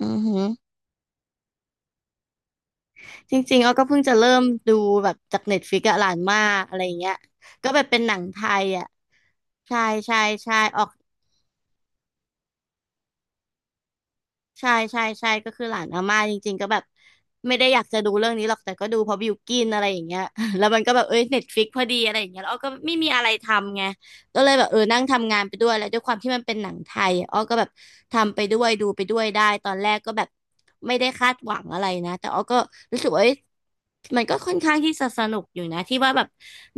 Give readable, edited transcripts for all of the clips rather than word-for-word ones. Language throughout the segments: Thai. อือหือจริงๆอ้อก็เพิ่งจะเริ่มดูแบบจากเน็ตฟลิกซ์อะหลานมากอะไรอย่างเงี้ยก็แบบเป็นหนังไทยอะใช่ใช่ใช่ออก ใช่ใช่ใช่ก็คือหลานอาม่าจริงๆก็แบบไม่ได้อยากจะดูเรื่องนี้หรอกแต่ก็ดูเพราะบิวกินอะไรอย่างเงี้ย แล้วมันก็แบบเอ้ยเน็ตฟลิกพอดีอะไรอย่างเงี้ยแล้วอ้อก็ไม่มีอะไรทำไงก็เลยแบบเออนั่งทำงานไปด้วยแล้วด้วยความที่มันเป็นหนังไทยอ้อก็แบบทำไปด้วยดูไปด้วยได้ตอนแรกก็แบบไม่ได้คาดหวังอะไรนะแต่อ้อก็รู้สึกว่าเอ้ยมันก็ค่อนข้างที่จะสนุกอยู่นะที่ว่าแบบ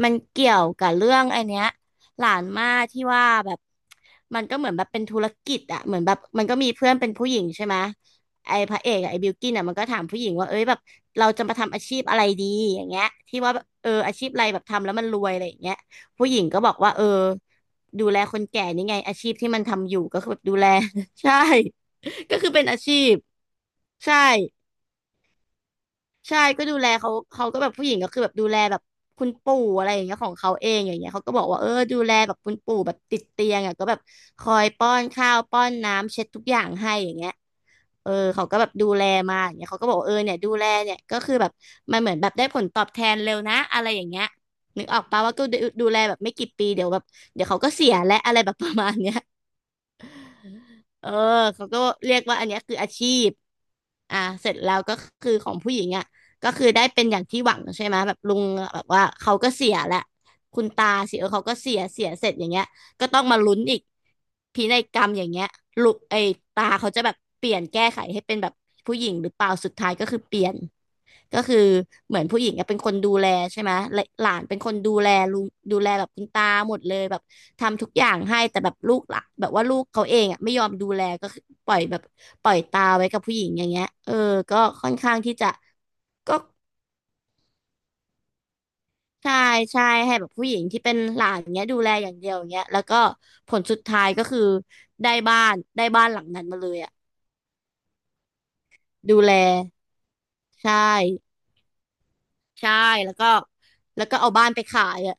มันเกี่ยวกับเรื่องไอเนี้ย หลานม่าที่ว่าแบบมันก็เหมือนแบบเป็นธุรกิจอะเหมือนแบบมันก็มีเพื่อนเป็นผู้หญิงใช่ไหมไอ้พระเอกอะไอ้บิลกิ้นอะมันก็ถามผู้หญิงว่าเอ้ยแบบเราจะมาทำอาชีพอะไรดีอย่างเงี้ยที่ว่าแบบเอออาชีพอะไรแบบทำแล้วมันรวยอะไรอย่างเงี้ยผู้หญิงก็บอกว่าเออดูแลคนแก่นี่ไงอาชีพที่มันทำอยู่ก็คือแบบดูแล ใช่ก็คือเป็นอาชีพใช่ ใช่ก็ดูแลเขาเขาก็แบบผู้หญิงก็คือแบบดูแลแบบคุณปู่อะไรอย่างเงี้ยของเขาเองอย่างเงี้ยเขาก็บอกว่าเออดูแลแบบคุณปู่แบบติดเตียงอ่ะก็แบบคอยป้อนข้าวป้อนน้ำเช็ดทุกอย่างให้อย่างเงี้ยเออเขาก็แบบดูแลมาอย่างเงี้ยเขาก็บอกว่าเออเนี่ยดูแลเนี่ยก็คือแบบมันเหมือนแบบได้ผลตอบแทนเร็วนะอะไรอย่างเงี้ยนึกออกปะว่าก็ดูแลแบบไม่กี่ปีเดี๋ยวแบบเดี๋ยวเขาก็เสียและอะไรแบบประมาณเนี้ย เออเขาก็เรียกว่าอันเนี้ยคืออาชีพอ่าเสร็จแล้วก็คือของผู้หญิงอ่ะก็คือได้เป็นอย่างที่หวังใช่ไหมแบบลุงแบบว่าเขาก็เสียแหละคุณตาสิเออเขาก็เสียเสร็จอย่างเงี้ย ก็ต้องมาลุ้นอีกพินัยกรรมอย่างเงี้ยลูกไอ้ตาเขาจะแบบเปลี่ยนแก้ไขให้เป็นแบบผู้หญิงหรือเปล่าสุดท้ายก็คือเปลี่ยนก็คือเหมือนผู้หญิงอะเป็นคนดูแลใช่ไหมและหลานเป็นคนดูแลลุงดูแลแบบคุณตาหมดเลยแบบทำทุกอย่างให้แต่แบบลูกหละแบบว่าลูกเขาเองอ่ะไม่ยอมดูแลก็คือปล่อยแบบปล่อยตาไว้กับผู้หญิงอย่างเงี้ยเออก็ค่อนข้างที่จะก็ ใช่ใช่ให้แบบผู้หญิงที่เป็นหลานเงี้ยดูแลอย่างเดียวเงี้ยแล้วก็ผลสุดท้ายก็คือได้บ้านหลังนั้นมาเลยอ่ะดูแลใช่ใช่แล้วก็แล้วก็เอาบ้านไปขายอ่ะ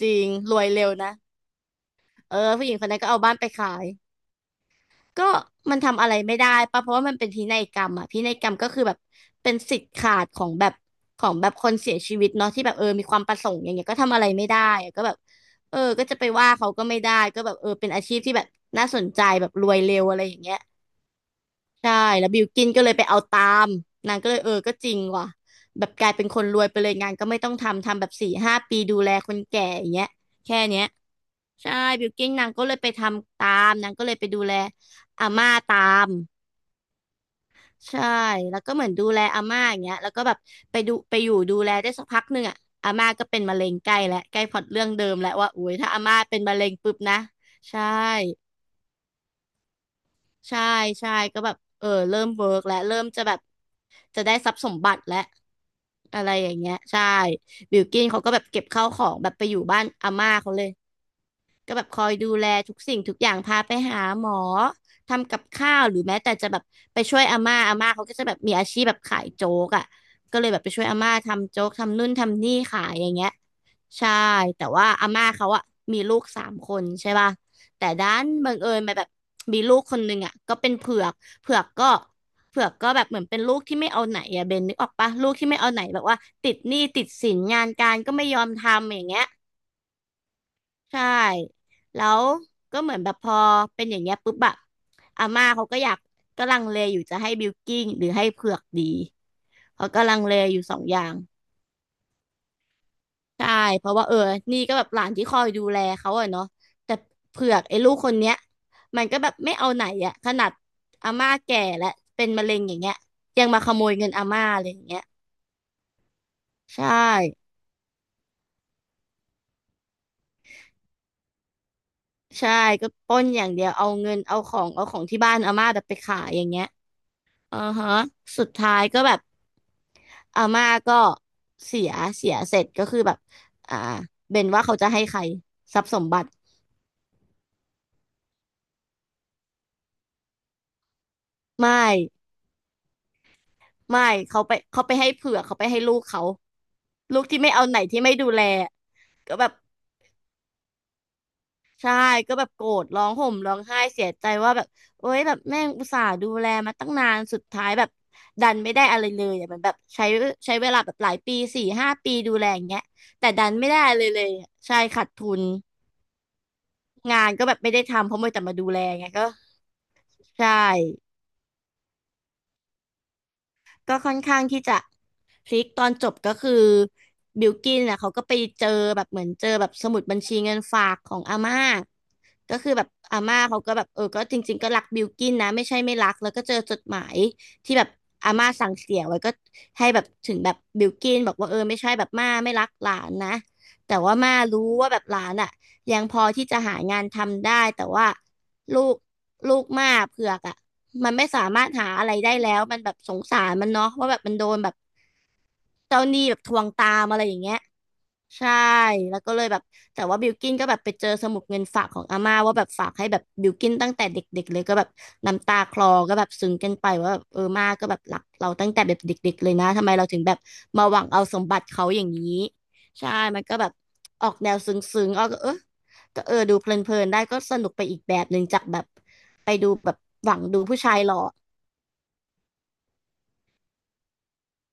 จริงรวยเร็วนะเออผู้หญิงคนนั้นก็เอาบ้านไปขาย ก็มันทำอะไรไม่ได้ป่ะเพราะว่ามันเป็นพินัยกรรมอะพินัยกรรมก็คือแบบเป็นสิทธิ์ขาดของแบบคนเสียชีวิตเนาะที่แบบเออมีความประสงค์อย่างเงี้ยก็ทำอะไรไม่ได้อะก็แบบเออก็จะไปว่าเขาก็ไม่ได้ก็แบบเออเป็นอาชีพที่แบบน่าสนใจแบบรวยเร็วอะไรอย่างเงี้ย ใช่แล้วบิลกินก็เลยไปเอาตามนางก็เลยเออก็จริงว่ะแบบกลายเป็นคนรวยไปเลยงานก็ไม่ต้องทำทำแบบ4-5 ปีดูแลคนแก่อย่างเงี้ยแค่เนี้ยใช่บิลกิ้นนางก็เลยไปทำตามนางก็เลยไปดูแลอาม่าตามใช่แล้วก็เหมือนดูแลอาม่าอย่างเงี้ยแล้วก็แบบไปดูไปอยู่ดูแลได้สักพักหนึ่งอ่ะอาม่าก็เป็นมะเร็งใกล้แลวใกล้พล็อตเรื่องเดิมแล้วว่าโอ้ยถ้าอาม่าเป็นมะเร็งปุ๊บนะใช่ ใช่ใช่ก็แบบเออเริ่มเวิร์กแล้วเริ่มจะแบบจะได้ทรัพย์สมบัติแล้วอะไรอย่างเงี้ยใช่บิลกิ้นเขาก็แบบเก็บข้าวของแบบไปอยู่บ้านอาม่าเขาเลย ก็แบบคอยดูแลทุกสิ่งทุกอย่างพาไปหาหมอทำกับข้าวหรือแม้แต่จะแบบไปช่วยอาม่าเขาก็จะแบบมีอาชีพแบบขายโจ๊กอ่ะก็เลยแบบไปช่วยอาม่าทำโจ๊กทำนู่นทำนี่ขายอย่างเงี้ยใช่แต่ว่าอาม่าเขาอะมีลูกสามคนใช่ป่ะแต่ด้านบังเอิญมาแบบมีลูกคนหนึ่งอะก็เป็นเผือกเผือกก็เผือกก็แบบเหมือนเป็นลูกที่ไม่เอาไหนอะเบนนึกออกปะลูกที่ไม่เอาไหนแบบว่าติดหนี้ติดสินงานการก็ไม่ยอมทำอย่างเงี้ย ใช่แล้วก็เหมือนแบบพอเป็นอย่างเงี้ยปุ๊บอะอาม่าเขาก็อยากก็ลังเลอยู่จะให้บิลกิ้งหรือให้เผือกดีเขาก็ลังเลอยู่สองอย่างใช่เพราะว่าเออนี่ก็แบบหลานที่คอยดูแลเขาอะเนาะแต่เผือกไอ้ลูกคนเนี้ยมันก็แบบไม่เอาไหนอะขนาดอาม่าแก่และเป็นมะเร็งอย่างเงี้ยยังมาขโมยเงินอาม่าอะไรอย่างเงี้ยใช่ใช่ก็ปล้นอย่างเดียวเอาเงินเอาของเอาของที่บ้านอาม่าแบบไปขายอย่างเงี้ย อือฮะสุดท้ายก็แบบอาม่าก็เสียเสียเสร็จก็คือแบบอ่าเบนว่าเขาจะให้ใครทรัพย์สมบัติไม่ไม่เขาไปให้เผือกเขาไปให้ลูกเขาลูกที่ไม่เอาไหนที่ไม่ดูแลก็แบบใช่ก็แบบโกรธร้องห่มร้องไห้เสียใจว่าแบบโอ๊ยแบบแม่งอุตส่าห์ดูแลมาตั้งนานสุดท้ายแบบดันไม่ได้อะไรเลยอ่ะมันแบบใช้เวลาแบบหลายปีสี่ห้าปีดูแลอย่างเงี้ยแต่ดันไม่ได้เลยอะใช่ขาดทุน งานก็แบบไม่ได้ทำเพราะมัวแต่มาดูแลไงก็ใช่ก็ค่อนข้างที่จะพลิกตอนจบก็คือบิลกินอ่ะเขาก็ไปเจอแบบเหมือนเจอแบบสมุดบัญชีเงินฝากของอาม่าก็คือแบบอาม่าเขาก็แบบเออก็จริงๆก็รักบิลกินนะไม่ใช่ไม่รักแล้วก็เจอจดหมายที่แบบอาม่าสั่งเสียไว้ก็ให้แบบถึงแบบบิลกินบอกว่าเออไม่ใช่แบบม่าไม่รักหลานนะแต่ว่าม่ารู้ว่าแบบหลานอ่ะ ยังพอที่จะหางานทำได้แต่ว่าลูกลูกมากเผือกอ่ะมันไม่สามารถหาอะไรได้แล้วมันแบบสงสารมันเนาะว่าแบบมันโดนแบบ เจ้าหนี้แบบทวงตามอะไรอย่างเงี้ยใช่แล้วก็เลยแบบแต่ว่าบิลกิ้นก็แบบไปเจอสมุดเงินฝากของอาม่าว่าแบบฝากให้แบบบิลกิ้นตั้งแต่เด็กๆเลยก็แบบน้ำตาคลอก็แบบซึ้งกันไปว่าแบบเออมาก็แบบรักเราตั้งแต่แบบเด็กๆเลยนะทำไมเราถึงแบบมาหวังเอาสมบัติเขาอย่างนี้ใช่มันก็แบบออกแนวซึ้งๆอ้อก็เออดูเพลินๆได้ก็สนุกไปอีกแบบหนึ่งจากแบบไปดูแบบหวังดูผู้ชายหล่อ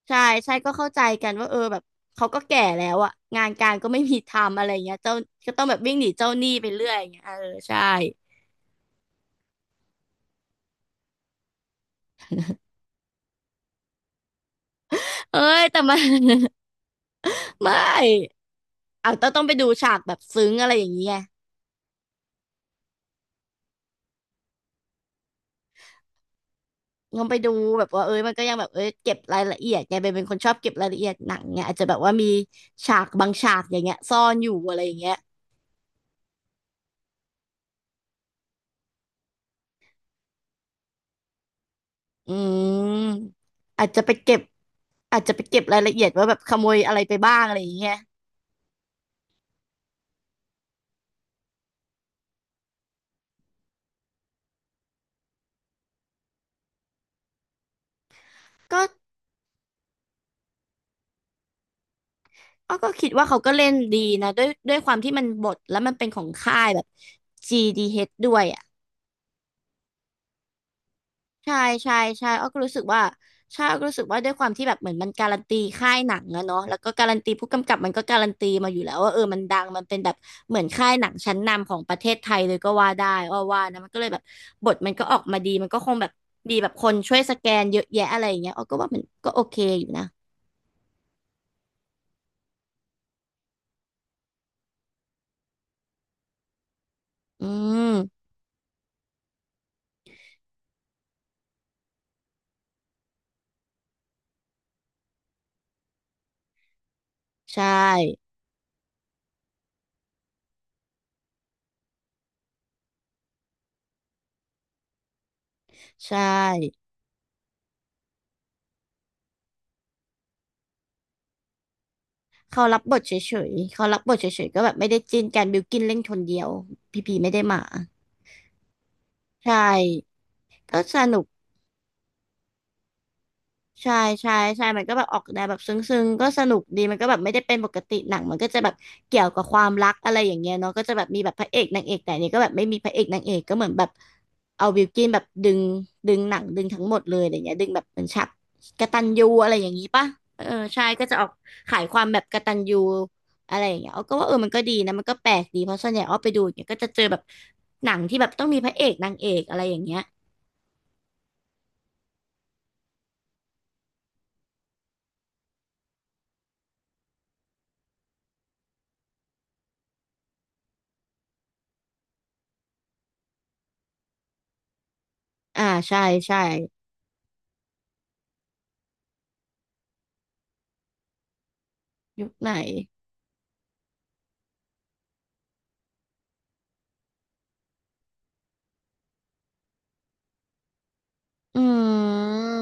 ใช่ใช่ก็เข้าใจกันว่าเออแบบเขาก็แก่แล้วอะงานการก็ไม่มีทำอะไรเงี้ยเจ้าก็ต้องแบบวิ่งหนีเจ้าหนี้ไปเรื่อยอย่างเงี้ยเออใช่เอ้ยแต่มัน ไม่เอาต้องไปดูฉากแบบซึ้งอะไรอย่างเงี้ยต้องไปดูแบบว่าเอ้ยมันก็ยังแบบเอ้ยเก็บรายละเอียดไงเบนเป็นคนชอบเก็บรายละเอียดหนังเงอาจจะแบบว่ามีฉากบางฉากอย่างเงี้ยซ่อนอยู่อะไรอย่างเงี้ยอืมอาจจะไปเก็บอาจจะไปเก็บรายละเอียดว่าแบบขโมยอะไรไปบ้างอะไรอย่างเงี้ยก็ อ้อก็คิดว่าเขาก็เล่นดีนะด้วยความที่มันบทแล้วมันเป็นของค่ายแบบ GDH ดเอชด้วยอ่ะใช่ใช่ใช่อ้อก็รู้สึกว่าใช่อ้อก็รู้สึกว่าด้วยความที่แบบเหมือนมันการันตีค่ายหนังอะเนาะแล้วก็การันตีผู้กำกับมันก็การันตีมาอยู่แล้วว่าเออมันดังมันเป็นแบบเหมือนค่ายหนังชั้นนำของประเทศไทยเลยก็ว่าได้อ้อว่านะมันก็เลยแบบบทมันก็ออกมาดีมันก็คงแบบมีแบบคนช่วยสแกนเยอะแยะอะไรอย่างเงี้ยอ้อก็ว่ามันก็โอเคอยู่นะอืมใช่ใช่ เขารับบทเฉยๆ เขารับบทเฉยๆ ก็แบบไม่ได้จิ้นกันบิวกินเล่นคนเดียวพีพีไม่ได้มาใช่ก็สนุก ใช่ใช่ใช่มันก็แบบออกแนวแบบซึ้งๆก็สนุกดี มันก็แบบไม่ได้เป็นปกติหนังมันก็จะแบบเกี่ยวกับความรักอะไรอย่างเงี้ยเนาะก็จะแบบมีแบบพระเอกนางเอกแต่อันนี้ก็แบบไม่มีพระเอกนางเอกก็เหมือนแบบเอาบิลกินแบบดึงหนังดึงทั้งหมดเลยอะไรเงี้ยดึงแบบเป็นฉากกตัญญูอะไรอย่างงี้ป่ะเออใช่ก็จะออกขายความแบบกตัญญูอะไรอย่างเงี้ยอ้อก็ว่าเออมันก็ดีนะมันก็แปลกดีเพราะส่วนใหญ่อ้อไปดูอย่างเงี้ยก็จะเจอแบบหนังที่แบบต้องมีพระเอกนางเอกอะไรอย่างเงี้ยอ่าใช่ใช่ยุคไหน อืม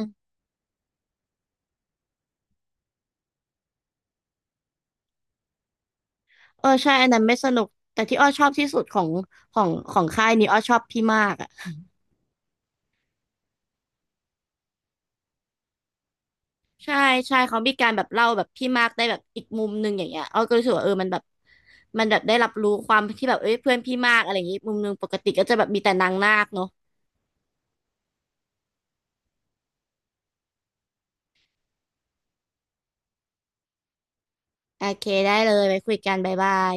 เออใช่อันนั้นไม่สนุกแต่ที่อ้อชอบที่สุดของค่ายนี้อ้อชอบพี่มากอ่ะใช่ใช่เขามีการแบบเล่าแบบพี่มากได้แบบอีกมุมหนึ่งอย่างเงี้ยอ้อก็รู้สึกว่าเออมันแบบได้รับรู้ความที่แบบเอ้ยเพื่อนพี่มากอะไรอย่างงี้มุมหนึงปกติก็จะแบบมีแต่นางนาคเนาะโอเคได้เลยไว้คุยกันบ๊ายบาย